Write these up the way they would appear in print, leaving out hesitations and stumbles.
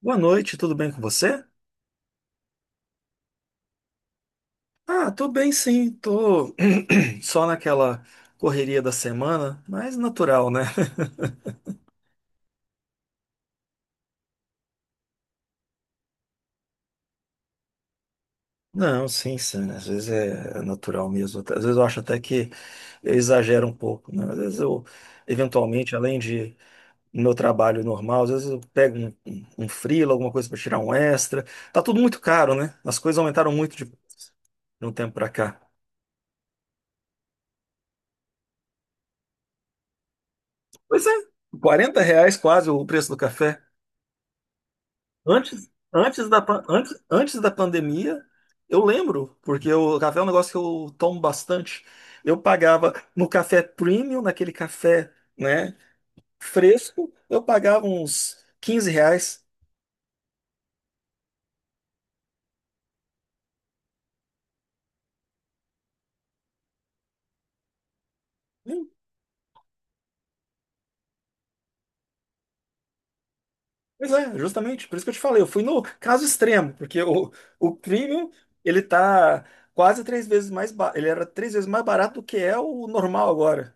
Boa noite, tudo bem com você? Ah, tô bem, sim, tô só naquela correria da semana, mas natural, né? Não, sim, sim, às vezes é natural mesmo. Às vezes eu acho até que eu exagero um pouco, né? Às vezes eu, eventualmente, além de no meu trabalho normal, às vezes eu pego um freela, alguma coisa para tirar um extra. Tá tudo muito caro, né? As coisas aumentaram muito de um tempo para cá. Pois é. R$ 40 quase o preço do café. Antes da pandemia, eu lembro, porque o café é um negócio que eu tomo bastante. Eu pagava no café premium, naquele café, né, fresco, eu pagava uns R$ 15. Hum. Pois é, justamente, por isso que eu te falei, eu fui no caso extremo, porque o premium, ele tá quase 3 vezes mais, ele era 3 vezes mais barato do que é o normal agora.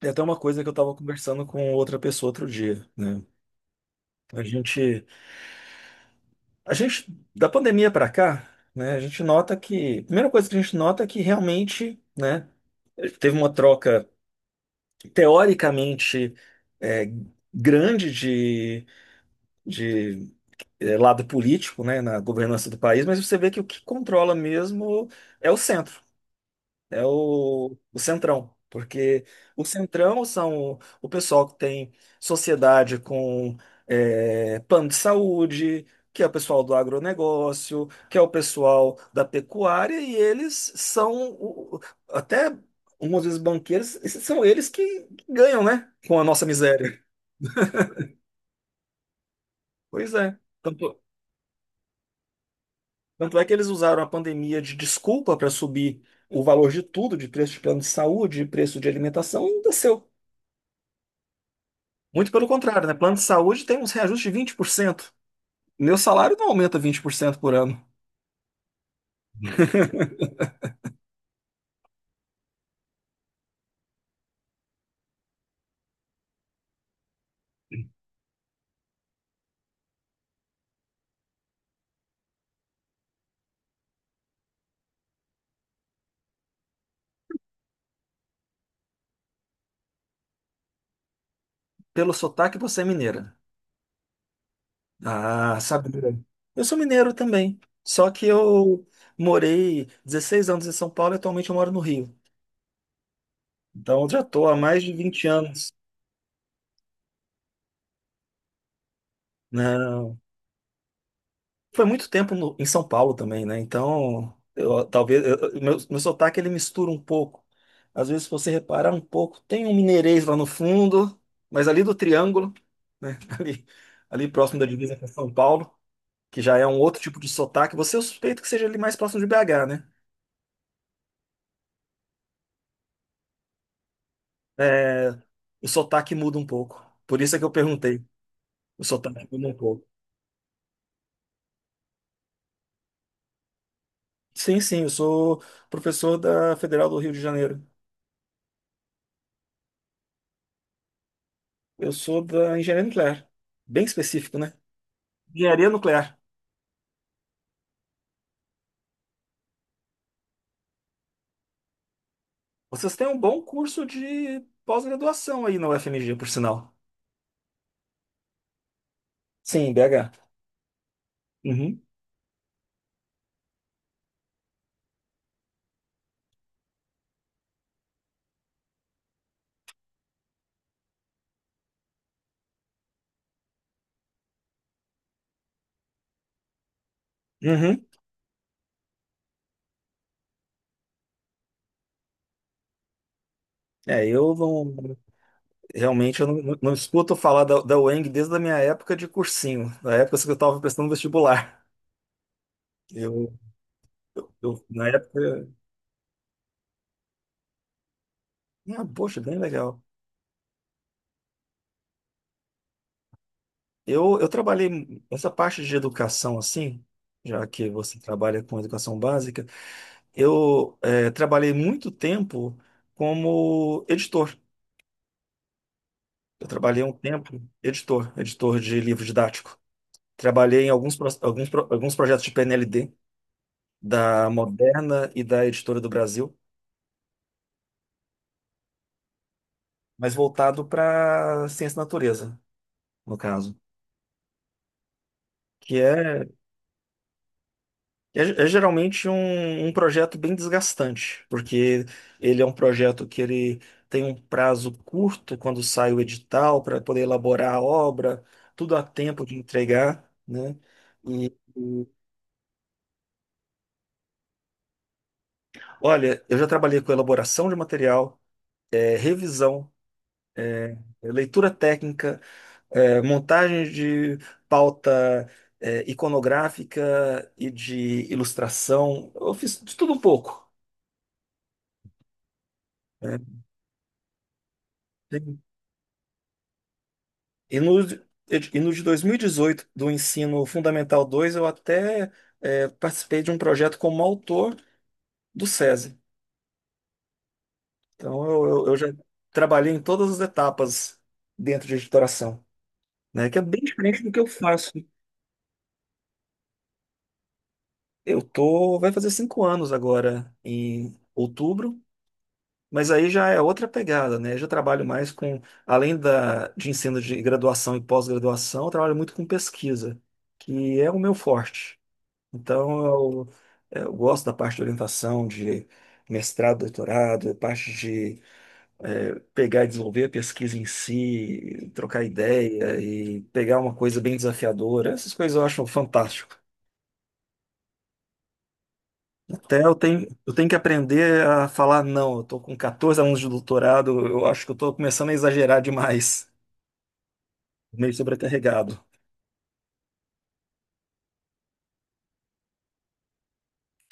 É até uma coisa que eu estava conversando com outra pessoa outro dia, né? A gente A gente, da pandemia para cá, né, a gente nota que a primeira coisa que a gente nota é que realmente, né, teve uma troca teoricamente é, grande de lado político, né, na governança do país, mas você vê que o que controla mesmo é o centro. É o Centrão, porque o Centrão são o pessoal que tem sociedade com plano de saúde, que é o pessoal do agronegócio, que é o pessoal da pecuária, e eles são até algumas vezes banqueiros, esses são eles que ganham, né? Com a nossa miséria. Pois é. Tanto é que eles usaram a pandemia de desculpa para subir o valor de tudo, de preço de plano de saúde, de preço de alimentação, e ainda muito pelo contrário, né? Plano de saúde tem uns reajustes de 20%. Meu salário não aumenta 20% por ano. Pelo sotaque, você é mineira. Ah, sabe? Mineira. Eu sou mineiro também. Só que eu morei 16 anos em São Paulo e atualmente eu moro no Rio. Então eu já estou há mais de 20 anos. Não. Foi muito tempo em São Paulo também, né? Então, talvez meu sotaque ele mistura um pouco. Às vezes, se você reparar um pouco, tem um mineirês lá no fundo, mas ali do triângulo, né? Ali próximo da divisa com São Paulo, que já é um outro tipo de sotaque. Você, eu suspeito que seja ali mais próximo de BH, né? É, o sotaque muda um pouco. Por isso é que eu perguntei. O sotaque muda um pouco. Sim, sim, eu sou professor da Federal do Rio de Janeiro. Eu sou da engenharia nuclear. Bem específico, né? Engenharia nuclear. Vocês têm um bom curso de pós-graduação aí na UFMG, por sinal. Sim, BH. Uhum. Uhum. É, eu não. Realmente eu não escuto falar da UENG desde a minha época de cursinho, da época que eu estava prestando vestibular. Eu, na época, ah, poxa, bem legal. Eu trabalhei essa parte de educação assim, já que você trabalha com educação básica, eu trabalhei muito tempo como editor. Eu trabalhei um tempo editor, editor de livro didático. Trabalhei em alguns projetos de PNLD da Moderna e da Editora do Brasil. Mas voltado para ciência da natureza, no caso. Que é geralmente um projeto bem desgastante, porque ele é um projeto que ele tem um prazo curto quando sai o edital para poder elaborar a obra, tudo a tempo de entregar, né? E, e, olha, eu já trabalhei com elaboração de material, revisão, leitura técnica, montagem de pauta iconográfica e de ilustração. Eu fiz de tudo um pouco, né? Tem- E no, e no de 2018, do Ensino Fundamental 2 eu até participei de um projeto como autor do SESI. Então, eu já trabalhei em todas as etapas dentro de editoração, né? Que é bem diferente do que eu faço. Eu tô, vai fazer 5 anos agora, em outubro. Mas aí já é outra pegada, né? Eu já trabalho mais com, além da, de ensino de graduação e pós-graduação, eu trabalho muito com pesquisa, que é o meu forte. Então, eu gosto da parte de orientação, de mestrado, doutorado, parte de pegar e desenvolver a pesquisa em si, trocar ideia e pegar uma coisa bem desafiadora. Essas coisas eu acho fantástico. Até eu tenho, que aprender a falar não. Eu tô com 14 anos de doutorado, eu acho que eu tô começando a exagerar demais, meio sobrecarregado.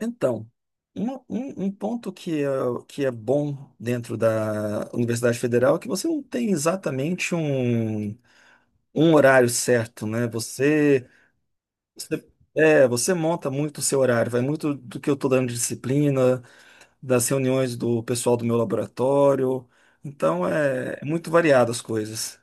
Então, um ponto que é, bom dentro da Universidade Federal é que você não tem exatamente um horário certo, né? Você, você monta muito o seu horário, vai muito do que eu estou dando de disciplina, das reuniões do pessoal do meu laboratório. Então, é muito variado as coisas.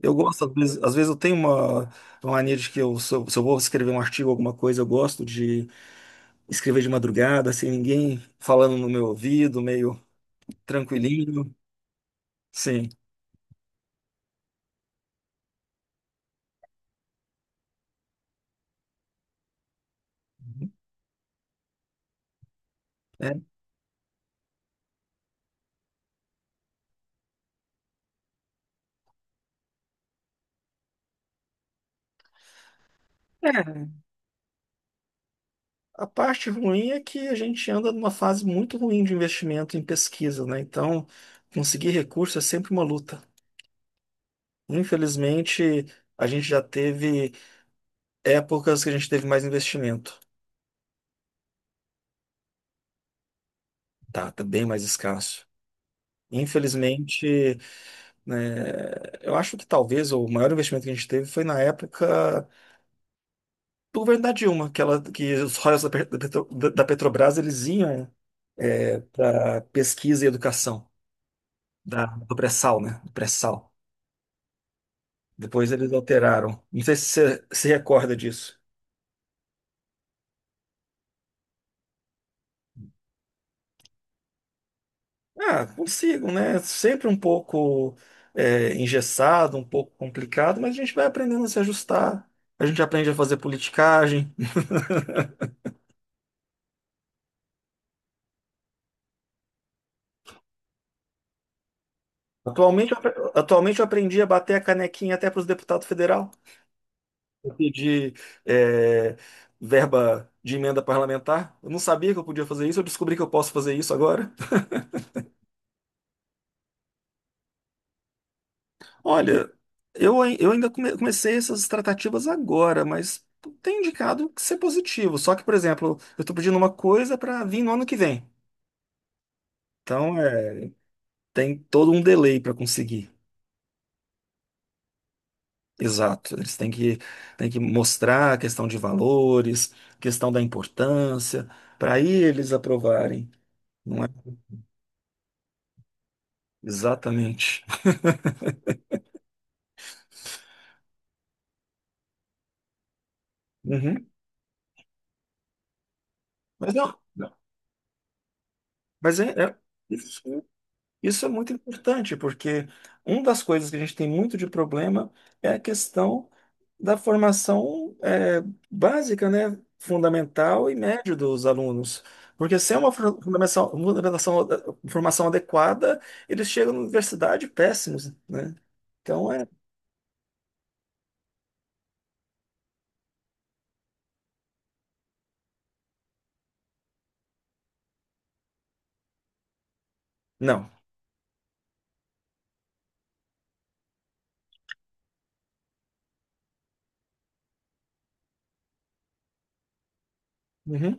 Eu gosto, às vezes eu tenho uma mania de que se eu vou escrever um artigo, alguma coisa, eu gosto de escrever de madrugada, sem ninguém falando no meu ouvido, meio tranquilinho. Sim. É. É, a parte ruim é que a gente anda numa fase muito ruim de investimento em pesquisa, né? Então, conseguir recurso é sempre uma luta. Infelizmente, a gente já teve épocas que a gente teve mais investimento. Tá bem mais escasso. Infelizmente, né? Eu acho que talvez o maior investimento que a gente teve foi na época do governo da Dilma, que os royalties da, Pe- da Petro- da- da Petrobras eles iam para pesquisa e educação do pré-sal, né? Do pré-sal. Depois eles alteraram. Não sei se você se recorda disso. Ah, consigo, né? Sempre um pouco engessado, um pouco complicado, mas a gente vai aprendendo a se ajustar. A gente aprende a fazer politicagem. Atualmente, eu apre- atualmente eu aprendi a bater a canequinha até para os deputados federal. Eu pedi é, verba de emenda parlamentar. Eu não sabia que eu podia fazer isso, eu descobri que eu posso fazer isso agora. Olha, eu comecei essas tratativas agora, mas tem indicado que ser positivo. Só que, por exemplo, eu estou pedindo uma coisa para vir no ano que vem. Então, tem todo um delay para conseguir. Exato. Eles têm que mostrar a questão de valores, questão da importância, para aí eles aprovarem, não é? Exatamente. Uhum. Mas não, não. mas é, é- isso, isso é muito importante, porque uma das coisas que a gente tem muito de problema é a questão da formação básica, né, fundamental e média dos alunos. Porque sem uma formação adequada, eles chegam na universidade péssimos, né? Então é. Não. Uhum,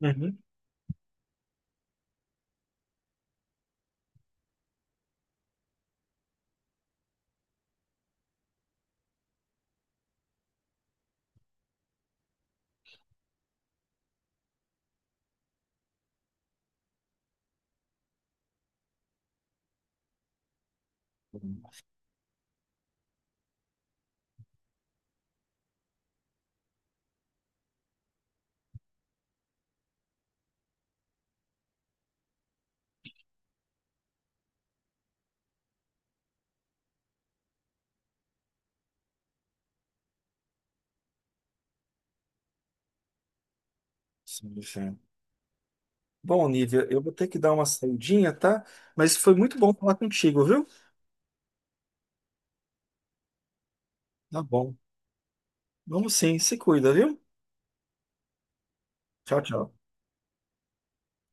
uhum. Sim, sim. Bom, Nívia, eu vou ter que dar uma saidinha, tá? Mas foi muito bom falar contigo, viu? Tá bom. Vamos sim, se cuida, viu? Tchau, tchau.